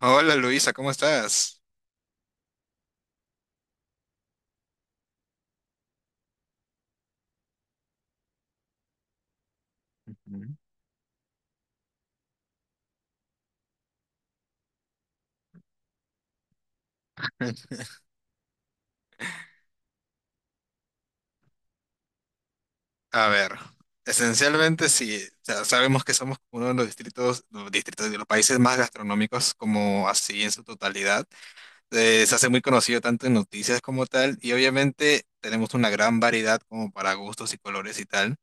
Hola Luisa, ¿cómo estás? Ujú. A ver, esencialmente sí, o sea, sabemos que somos uno de los distritos de los países más gastronómicos como así en su totalidad. Se hace muy conocido tanto en noticias como tal y obviamente tenemos una gran variedad como para gustos y colores y tal.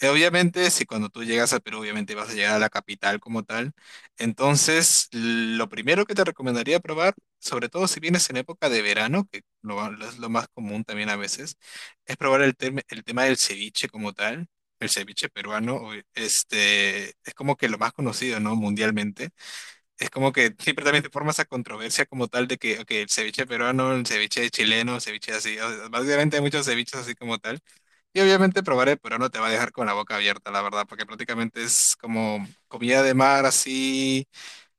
Obviamente, si cuando tú llegas a Perú, obviamente vas a llegar a la capital como tal. Entonces, lo primero que te recomendaría probar, sobre todo si vienes en época de verano, que lo es lo más común también a veces, es probar el tema del ceviche como tal. El ceviche peruano, es como que lo más conocido, ¿no? Mundialmente. Es como que siempre también te forma esa controversia como tal de que, ok, el ceviche peruano, el ceviche chileno, el ceviche así. O sea, básicamente hay muchos ceviches así como tal. Y obviamente probaré, pero no te va a dejar con la boca abierta, la verdad, porque prácticamente es como comida de mar así,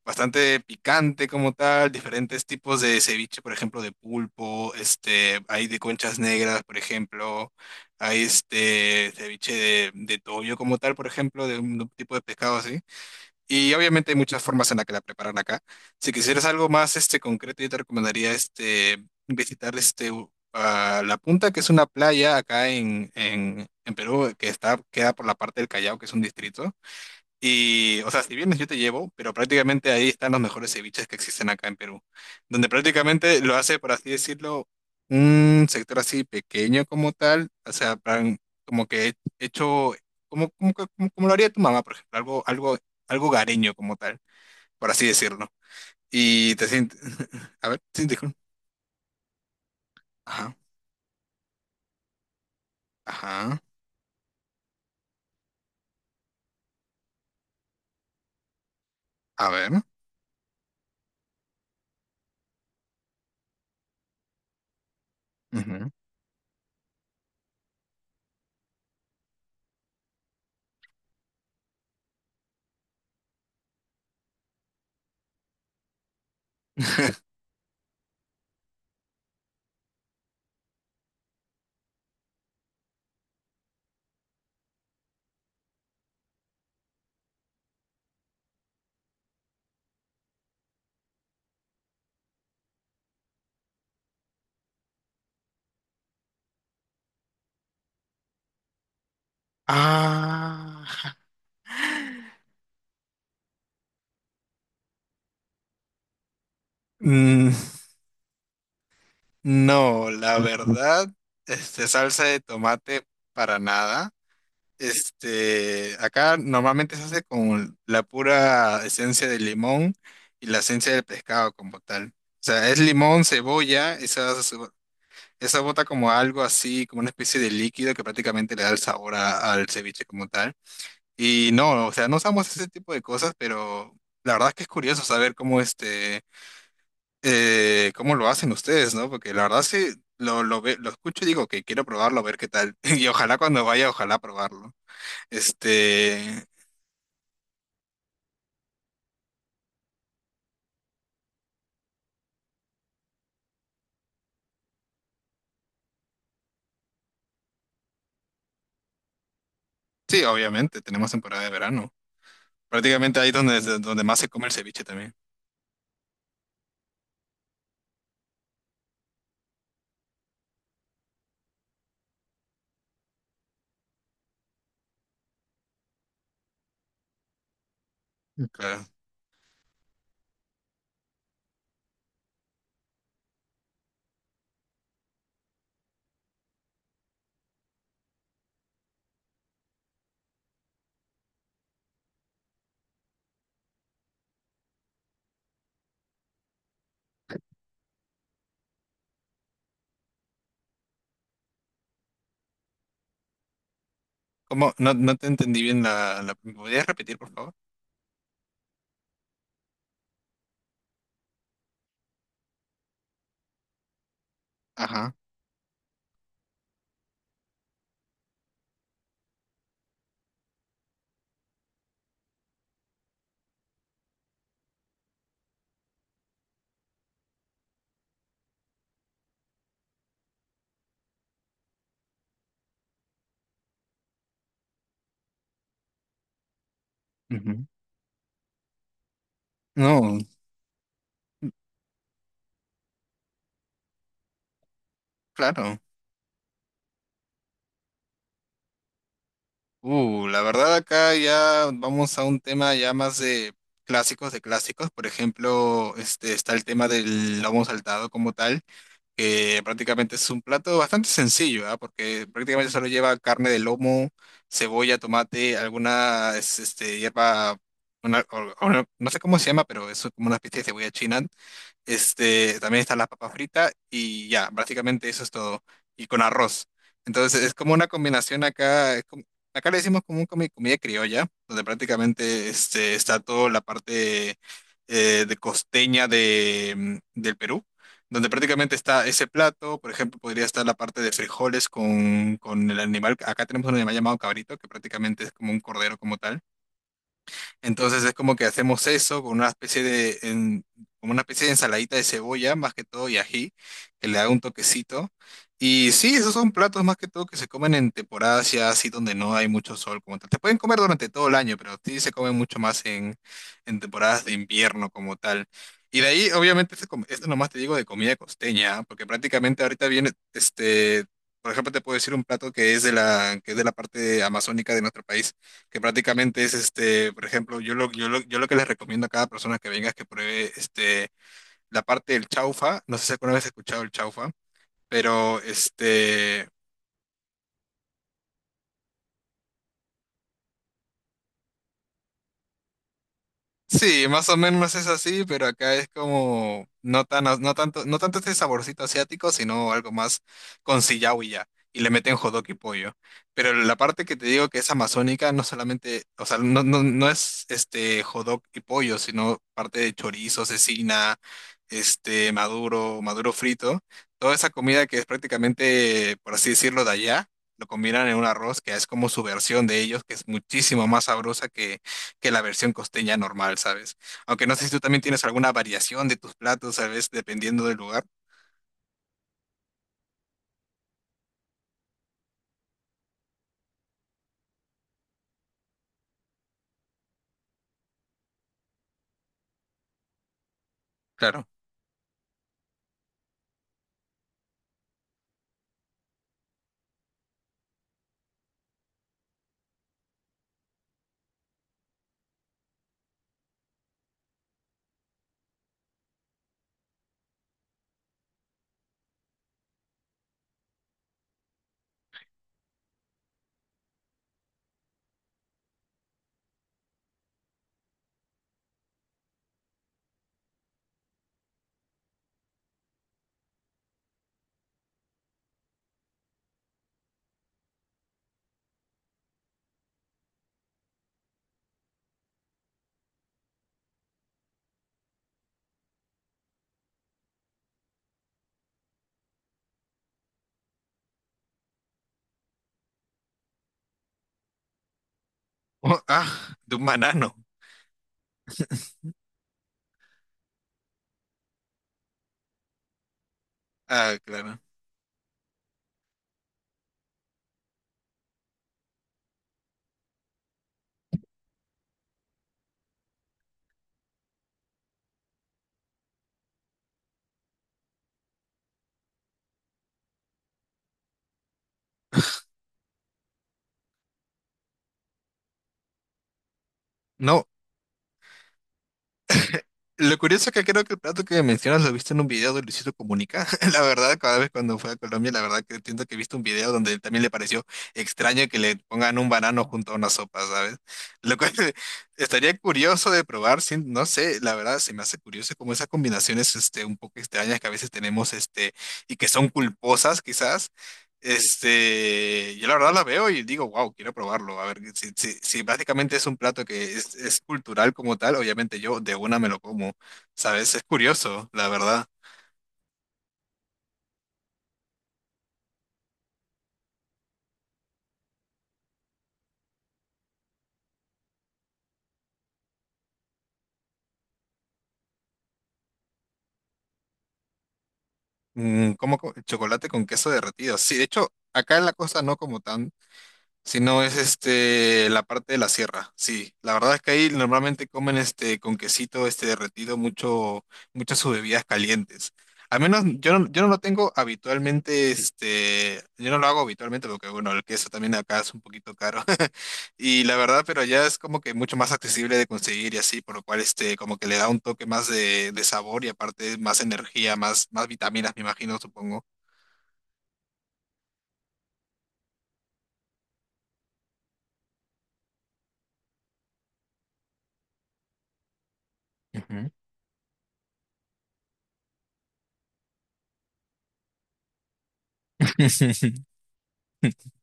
bastante picante como tal, diferentes tipos de ceviche, por ejemplo, de pulpo, hay de conchas negras, por ejemplo, hay este ceviche de toyo como tal, por ejemplo, de un tipo de pescado así. Y obviamente hay muchas formas en las que la preparan acá. Si quisieras algo más este, concreto, yo te recomendaría este, visitar a La Punta, que es una playa acá en Perú, que está, queda por la parte del Callao, que es un distrito. Y, o sea, si vienes yo te llevo, pero prácticamente ahí están los mejores ceviches que existen acá en Perú, donde prácticamente lo hace, por así decirlo, un sector así pequeño como tal, o sea, plan, como que hecho, como, como lo haría tu mamá, por ejemplo, algo gareño como tal, por así decirlo. Y te sientes, a ver, sí, disculpa. Ajá, ajá, a ver. Ujú. Ah, ja. Mm. No, la verdad, este, salsa de tomate para nada. Este, acá normalmente se hace con la pura esencia de limón y la esencia del pescado como tal. O sea, es limón, cebolla, esa bota como algo así, como una especie de líquido que prácticamente le da el sabor al ceviche como tal. Y no, o sea, no usamos ese tipo de cosas, pero la verdad es que es curioso saber cómo este cómo lo hacen ustedes, ¿no? Porque la verdad sí, lo escucho y digo que quiero probarlo, a ver qué tal. Y ojalá cuando vaya, ojalá probarlo. Este, sí, obviamente, tenemos temporada de verano. Prácticamente ahí donde más se come el ceviche también. Claro. ¿Cómo? No, no te entendí bien ¿me podrías repetir, por favor? Ajá. Ujú. No, claro. La verdad acá ya vamos a un tema ya más de clásicos de clásicos. Por ejemplo, este está el tema del lomo saltado como tal. Que prácticamente es un plato bastante sencillo, ¿ah? Porque prácticamente solo lleva carne de lomo, cebolla, tomate, hierba, o no sé cómo se llama, pero es como una especie de cebolla china, este, también está la papa frita y ya, básicamente eso es todo. Y con arroz. Entonces es como una combinación acá, acá le decimos como comida criolla, donde prácticamente este, está toda la parte de costeña de, mm, del Perú, donde prácticamente está ese plato, por ejemplo, podría estar la parte de frijoles con el animal, acá tenemos un animal llamado cabrito, que prácticamente es como un cordero como tal. Entonces es como que hacemos eso con una especie como una especie de ensaladita de cebolla, más que todo y ají, que le da un toquecito. Y sí, esos son platos más que todo que se comen en temporadas ya así donde no hay mucho sol como tal. Te pueden comer durante todo el año, pero sí se comen mucho más en temporadas de invierno como tal. Y de ahí, obviamente, esto nomás te digo de comida costeña, ¿ah? Porque prácticamente ahorita viene, este, por ejemplo, te puedo decir un plato que es que es de la parte amazónica de nuestro país que prácticamente es, este, por ejemplo, yo lo que les recomiendo a cada persona que venga es que pruebe este, la parte del chaufa. No sé si alguna vez has escuchado el chaufa, pero este, sí, más o menos es así, pero acá es como no tanto, no tanto este saborcito asiático, sino algo más con sillao y ya. Y le meten jodok y pollo. Pero la parte que te digo que es amazónica, no solamente, o sea, no es este jodok y pollo, sino parte de chorizo, cecina, este maduro, maduro frito. Toda esa comida que es prácticamente, por así decirlo, de allá, lo combinan en un arroz que es como su versión de ellos, que es muchísimo más sabrosa que la versión costeña normal, ¿sabes? Aunque no sé si tú también tienes alguna variación de tus platos, ¿sabes? Dependiendo del lugar. Claro. Oh, ah, de un banano. Ah, claro. No, lo curioso es que creo que el plato que mencionas lo viste en un video de Luisito Comunica. La verdad, cada vez cuando fue a Colombia, la verdad que entiendo que he visto un video donde también le pareció extraño que le pongan un banano junto a una sopa, ¿sabes? Lo cual estaría curioso de probar, sin, no sé, la verdad se me hace curioso como esas combinaciones este, un poco extrañas que a veces tenemos este, y que son culposas quizás, este, yo la verdad la veo y digo, wow, quiero probarlo. A ver, si básicamente es un plato es cultural como tal, obviamente yo de una me lo como, ¿sabes? Es curioso, la verdad. Mm, chocolate con queso derretido. Sí, de hecho, acá en la costa no como tan, si no, es este, la parte de la sierra, sí. La verdad es que ahí normalmente comen este, con quesito este, derretido mucho, muchas sus bebidas calientes. Al menos yo no lo tengo habitualmente, este, yo no lo hago habitualmente porque, bueno, el queso también acá es un poquito caro. Y la verdad, pero allá es como que mucho más accesible de conseguir y así, por lo cual, este, como que le da un toque más de sabor y aparte más energía, más vitaminas, me imagino, supongo. Ujú.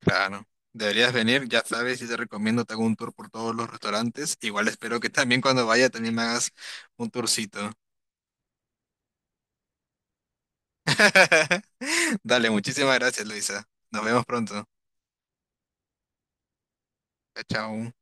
Claro, deberías venir, ya sabes, y te recomiendo, te hago un tour por todos los restaurantes. Igual espero que también cuando vaya también me hagas un tourcito. Dale, muchísimas gracias, Luisa. Nos vemos pronto. Chao.